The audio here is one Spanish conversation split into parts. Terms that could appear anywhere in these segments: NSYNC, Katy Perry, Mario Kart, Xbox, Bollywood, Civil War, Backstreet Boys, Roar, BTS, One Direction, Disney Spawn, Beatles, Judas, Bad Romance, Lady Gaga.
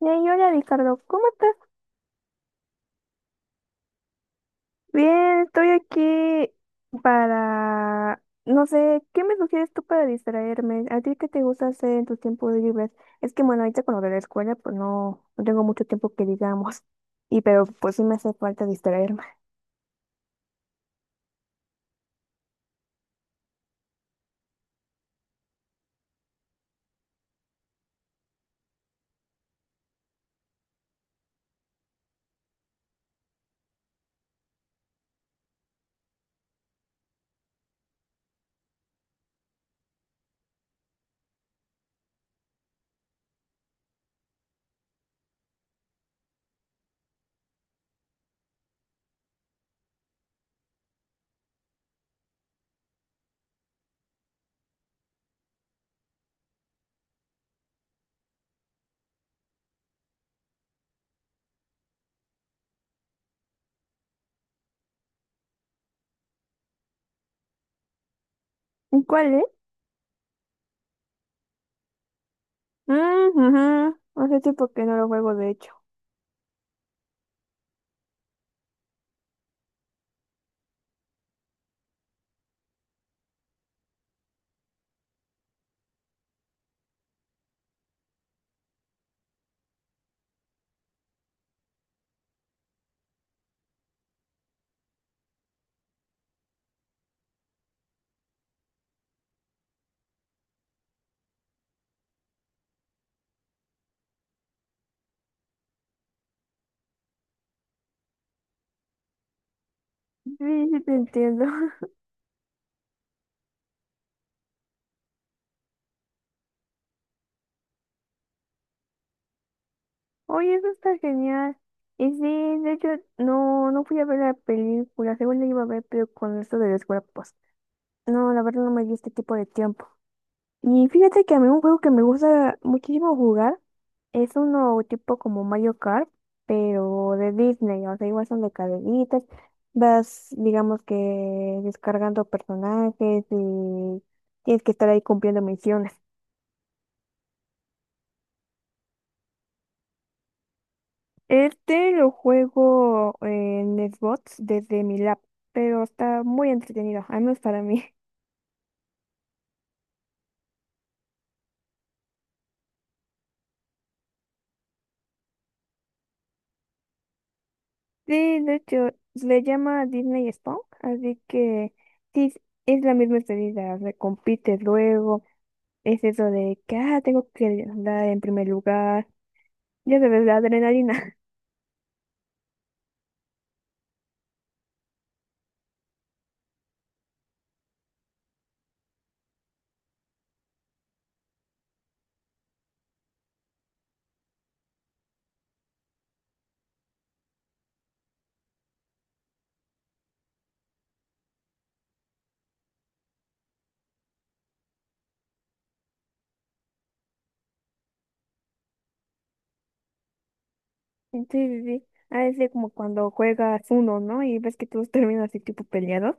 Y ahí, hola Ricardo, ¿cómo estás? Bien, estoy aquí para, no sé, ¿qué me sugieres tú para distraerme? ¿A ti qué te gusta hacer en tus tiempos libres? Es que bueno, ahorita con lo de la escuela, pues no, no tengo mucho tiempo que digamos, y pero pues sí me hace falta distraerme. ¿Y ¿Cuál es? Mm, ujú. Hace tiempo que no lo juego, de hecho. Sí, sí te entiendo. Oye, eso está genial. Y sí, de hecho, no, no fui a ver la película, según la iba a ver, pero con esto de la escuela, pues. No, la verdad no me dio este tipo de tiempo. Y fíjate que a mí un juego que me gusta muchísimo jugar es uno tipo como Mario Kart, pero de Disney. O sea, igual son de carreritas. Vas, digamos que descargando personajes y tienes que estar ahí cumpliendo misiones. Este lo juego en Xbox desde mi lap, pero está muy entretenido, al menos para mí. Sí, de hecho, se le llama Disney Spawn, así que sí, es la misma estadía, recompites luego, es eso de que, ah, tengo que andar en primer lugar, ya sabes, la adrenalina. Sí, sí, sí, a veces como cuando juegas uno, ¿no? Y ves que todos terminan así tipo peleados.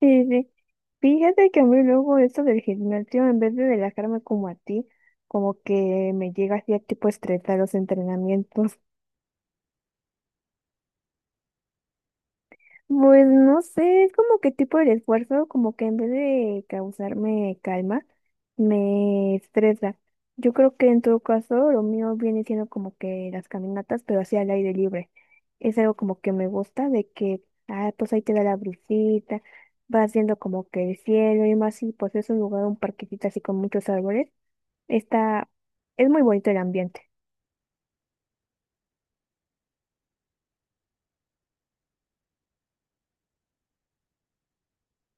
Sí, sí. Fíjate que a mí luego esto del gimnasio, en vez de relajarme como a ti, como que me llega así a tipo estresar los entrenamientos. Pues no sé, es como que tipo el esfuerzo, como que en vez de causarme calma, me estresa. Yo creo que en todo caso lo mío viene siendo como que las caminatas, pero así al aire libre. Es algo como que me gusta, de que, ah, pues ahí te da la brisita, vas viendo como que el cielo y más, y pues es un lugar, un parquecito así con muchos árboles. Está, es muy bonito el ambiente.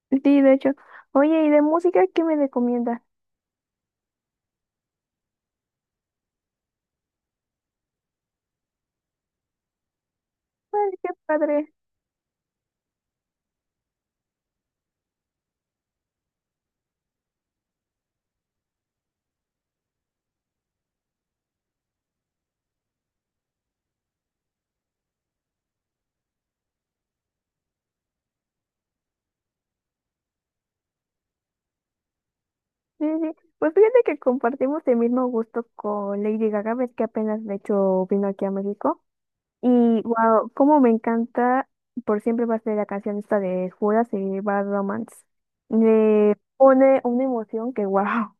Sí, de hecho. Oye, ¿y de música qué me recomiendas? Ay, qué padre. Sí, sí. Pues fíjate que compartimos el mismo gusto con Lady Gaga, ves que apenas de hecho vino aquí a México. Y wow, cómo me encanta, por siempre va a ser la canción esta de Judas y Bad Romance. Le pone una emoción que wow.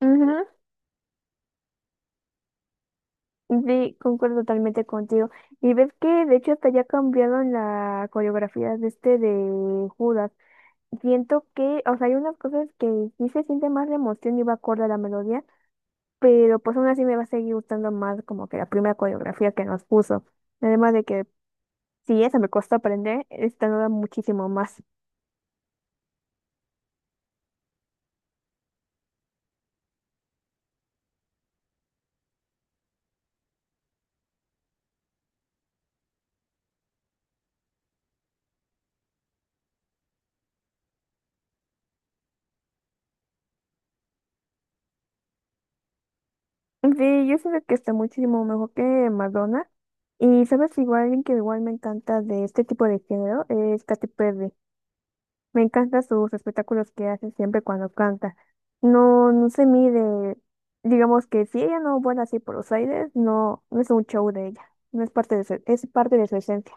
Ujú. Sí, concuerdo totalmente contigo. Y ves que de hecho hasta ya cambiaron la coreografía de este de Judas. Siento que, o sea, hay unas cosas que sí se siente más la emoción y va acorde a la melodía, pero pues aún así me va a seguir gustando más como que la primera coreografía que nos puso. Además de que si esa me costó aprender, esta nueva muchísimo más. Sí, yo siento que está muchísimo mejor que Madonna. Y sabes, igual alguien que igual me encanta de este tipo de género es Katy Perry. Me encantan sus espectáculos que hace siempre cuando canta. No, no se mide, digamos que si ella no vuela así por los aires, no, no es un show de ella, no es parte de su, es parte de su esencia.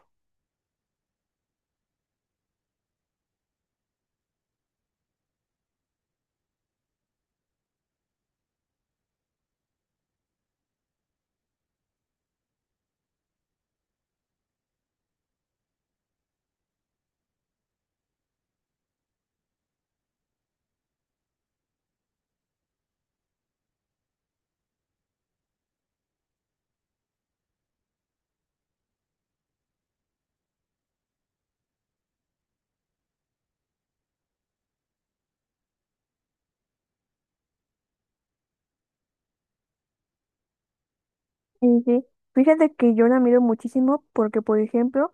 Y sí, fíjate que yo la miro muchísimo porque, por ejemplo,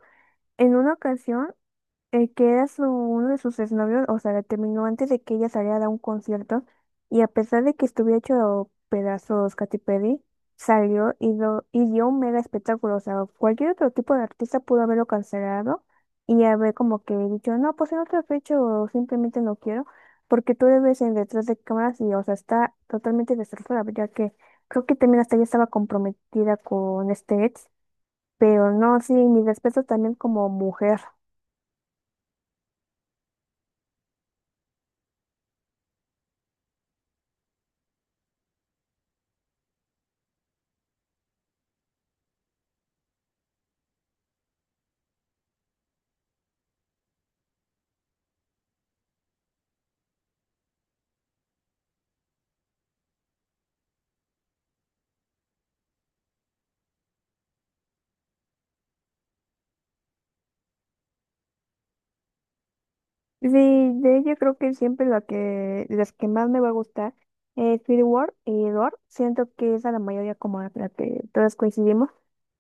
en una ocasión, el que era su, uno de sus exnovios, o sea, la terminó antes de que ella saliera a un concierto y a pesar de que estuviera hecho pedazos Katy Perry, salió y, lo, y dio un mega espectáculo, o sea, cualquier otro tipo de artista pudo haberlo cancelado y haber como que dicho, no, pues en otra fecha o simplemente no quiero, porque tú le ves en detrás de cámaras y, o sea, está totalmente destrozada, ya que creo que también hasta ella estaba comprometida con este ex, pero no, sí, mi respeto también como mujer. Sí, de ella creo que siempre la que, las que más me va a gustar es Civil War y Roar. Siento que es a la mayoría como la que todas coincidimos,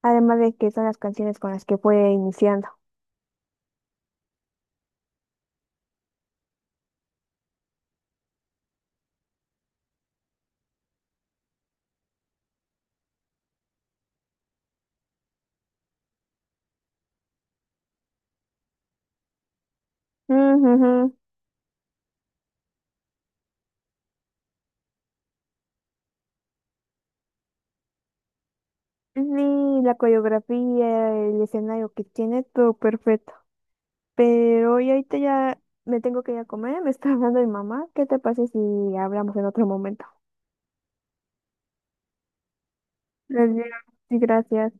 además de que son las canciones con las que fue iniciando. Ujujú. Sí, la coreografía, el escenario que tiene, todo perfecto. Pero y ahorita ya me tengo que ir a comer, me está hablando mi mamá. ¿Qué te parece si hablamos en otro momento? Gracias. Sí, gracias.